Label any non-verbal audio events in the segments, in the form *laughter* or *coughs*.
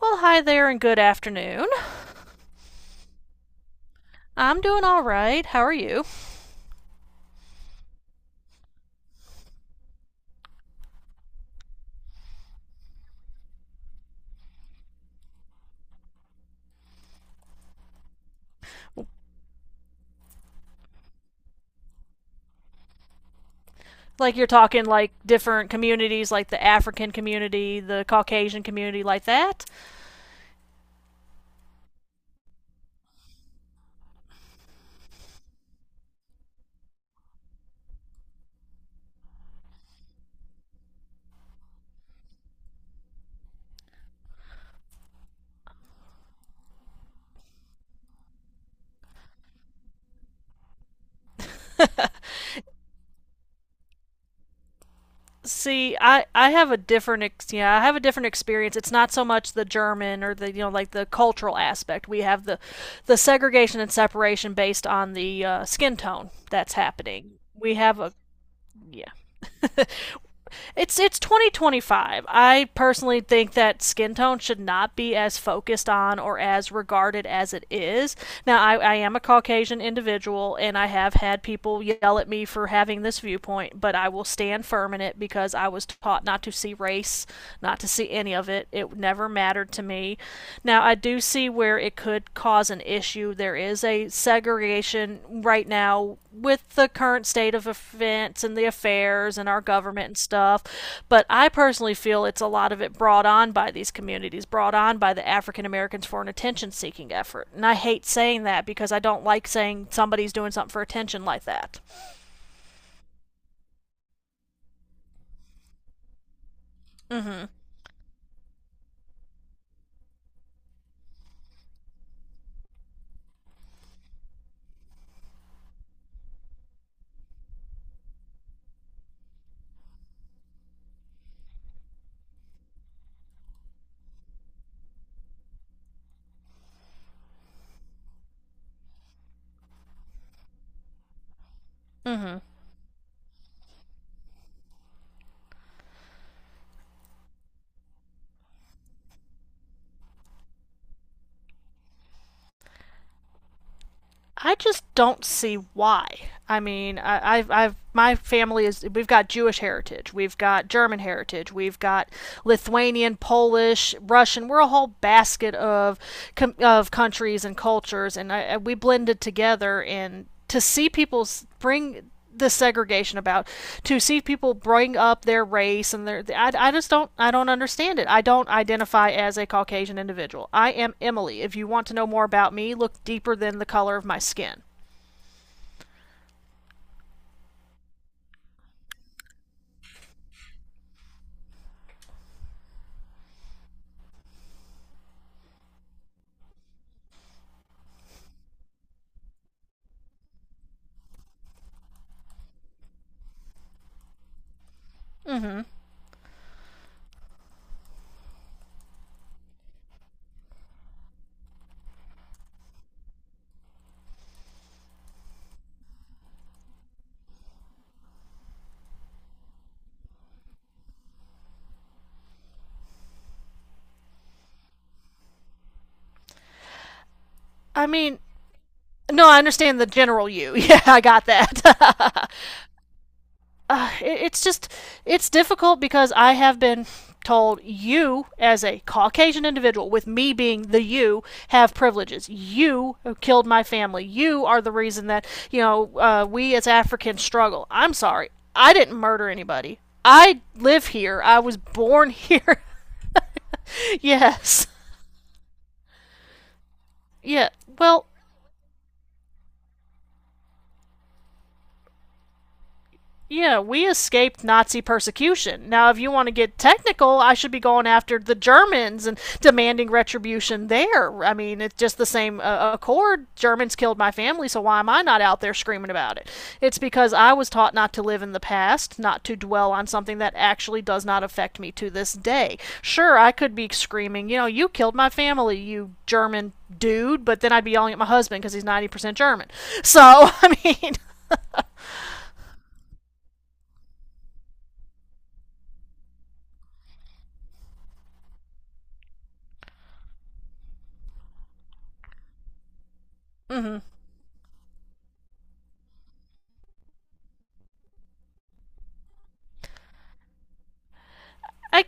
Well, hi there and good afternoon. I'm doing all right. How are you? Like you're talking like different communities, like the African community, the Caucasian community, like that. See, I have a different yeah, I have a different experience. It's not so much the German or the you know like the cultural aspect. We have the segregation and separation based on the skin tone that's happening. We have a yeah, it's 2025. I personally think that skin tone should not be as focused on or as regarded as it is. Now, I am a Caucasian individual, and I have had people yell at me for having this viewpoint, but I will stand firm in it because I was taught not to see race, not to see any of it. It never mattered to me. Now, I do see where it could cause an issue. There is a segregation right now with the current state of events and the affairs and our government and stuff. But I personally feel it's a lot of it brought on by these communities, brought on by the African Americans for an attention seeking effort. And I hate saying that because I don't like saying somebody's doing something for attention like that. Mm hmm. Mm hmm. I just don't see why. I mean, I've my family is, we've got Jewish heritage, we've got German heritage, we've got Lithuanian, Polish, Russian. We're a whole basket of countries and cultures, and I, we blended together. And to see people bring the segregation about, to see people bring up their race and their I just don't, I don't understand it. I don't identify as a Caucasian individual. I am Emily. If you want to know more about me, look deeper than the color of my skin. Mm-hmm. I mean, no, I understand the general you. *laughs* Yeah, I got that. *laughs* It's just it's difficult because I have been told you, as a Caucasian individual, with me being the you, have privileges. You have killed my family. You are the reason that, you know, we as Africans struggle. I'm sorry, I didn't murder anybody. I live here. I was born here. *laughs* Yes. Yeah. Well, yeah, we escaped Nazi persecution. Now, if you want to get technical, I should be going after the Germans and demanding retribution there. I mean, it's just the same accord. Germans killed my family, so why am I not out there screaming about it? It's because I was taught not to live in the past, not to dwell on something that actually does not affect me to this day. Sure, I could be screaming, you know, you killed my family, you German dude, but then I'd be yelling at my husband because he's 90% German. So, I mean, *laughs* mm-hmm. I.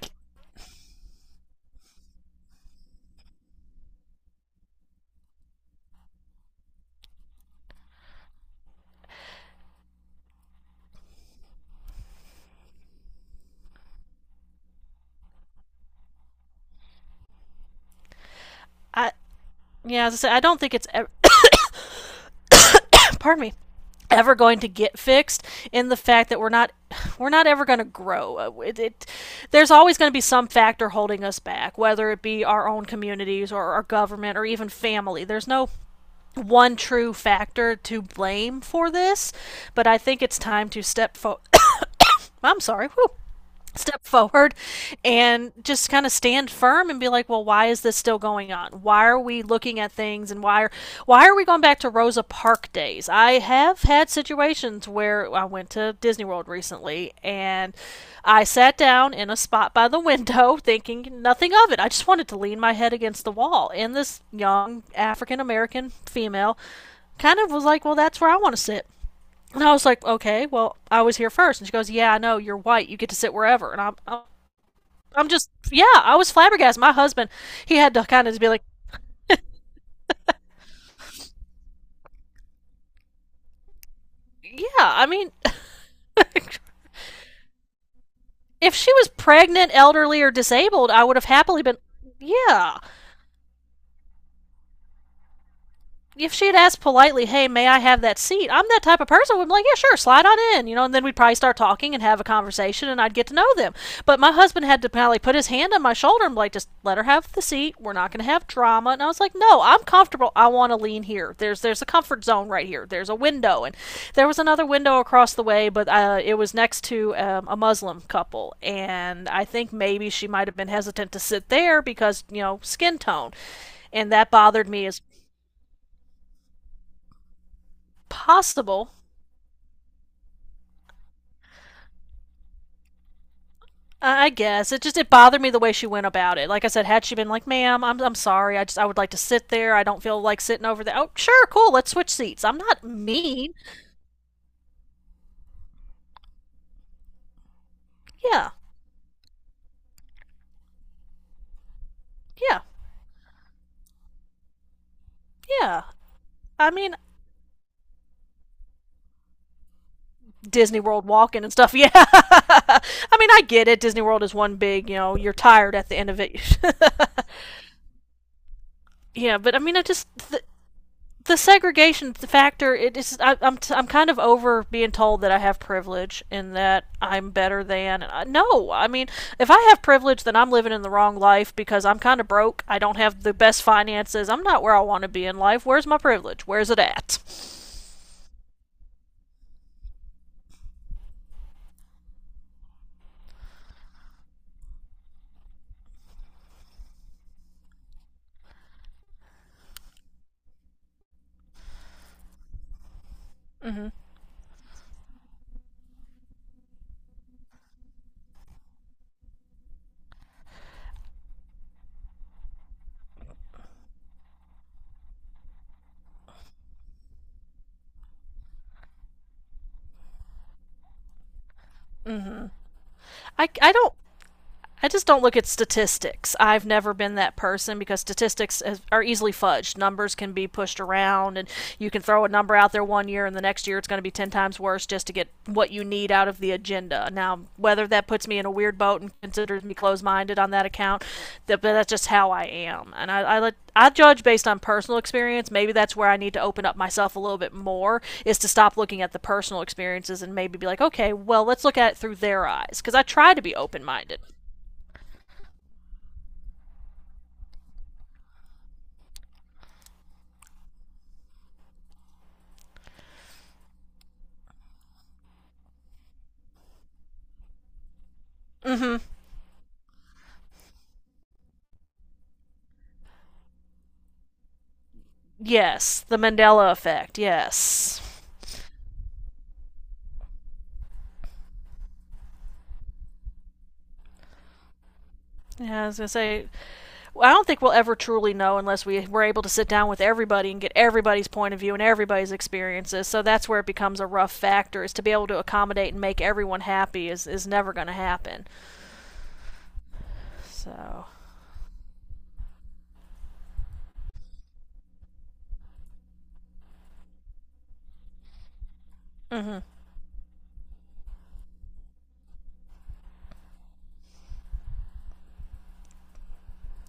I, yeah, as I said, I don't think it's ever, *coughs* pardon me, ever going to get fixed, in the fact that we're not, *sighs* we're not ever going to grow. It there's always going to be some factor holding us back, whether it be our own communities or our government or even family. There's no one true factor to blame for this, but I think it's time to step forward. *coughs* I'm sorry, whew. Step forward and just kind of stand firm and be like, well, why is this still going on? Why are we looking at things and why are, why are we going back to Rosa Parks days? I have had situations where I went to Disney World recently and I sat down in a spot by the window, *laughs* thinking nothing of it. I just wanted to lean my head against the wall, and this young African American female kind of was like, well, that's where I want to sit. And I was like, okay, well, I was here first. And she goes, yeah, I know, you're white. You get to sit wherever. And I'm I'm just, yeah, I was flabbergasted. My husband, he had to kind of be like, yeah, I mean, *laughs* if she was pregnant, elderly, or disabled, I would have happily been, yeah, if she had asked politely, "Hey, may I have that seat?" I'm that type of person. I'm like, "Yeah, sure, slide on in," you know, and then we'd probably start talking and have a conversation, and I'd get to know them. But my husband had to probably put his hand on my shoulder and be like, "Just let her have the seat. We're not going to have drama." And I was like, "No, I'm comfortable. I want to lean here. There's a comfort zone right here. There's a window, and there was another window across the way, but it was next to a Muslim couple, and I think maybe she might have been hesitant to sit there because, you know, skin tone, and that bothered me as possible. I guess it just it bothered me the way she went about it. Like I said, had she been like, "Ma'am, I'm sorry. I just I would like to sit there. I don't feel like sitting over there." Oh, sure, cool. Let's switch seats. I'm not mean. Yeah, yeah, yeah. I mean, Disney World walking and stuff. Yeah. *laughs* I mean, I get it. Disney World is one big, you know, you're tired at the end of it. *laughs* Yeah, but I mean, I just the segregation factor, it is, I'm I'm kind of over being told that I have privilege and that I'm better than. I, no, I mean, if I have privilege, then I'm living in the wrong life, because I'm kind of broke. I don't have the best finances. I'm not where I want to be in life. Where's my privilege? Where's it at? I don't, I just don't look at statistics. I've never been that person because statistics are easily fudged. Numbers can be pushed around, and you can throw a number out there one year, and the next year it's going to be 10 times worse just to get what you need out of the agenda. Now, whether that puts me in a weird boat and considers me closed minded on that account, that, but that's just how I am. And I judge based on personal experience. Maybe that's where I need to open up myself a little bit more, is to stop looking at the personal experiences and maybe be like, okay, well, let's look at it through their eyes. Because I try to be open minded. Hmm. Yes, the Mandela effect. Yes. Yeah, I was gonna say. I don't think we'll ever truly know unless we were able to sit down with everybody and get everybody's point of view and everybody's experiences. So that's where it becomes a rough factor. Is to be able to accommodate and make everyone happy is never gonna happen. So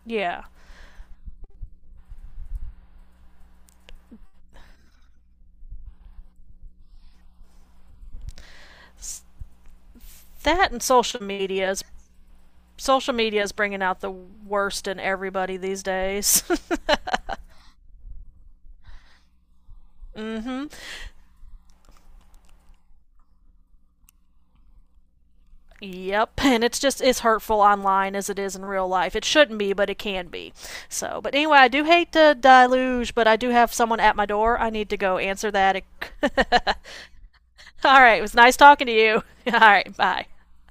yeah, that and social media is bringing out the worst in everybody these days. *laughs* Yep, and it's just as hurtful online as it is in real life. It shouldn't be, but it can be. So, but anyway, I do hate the deluge, but I do have someone at my door. I need to go answer that. *laughs* All right, it was nice talking to you. *laughs* All right, bye.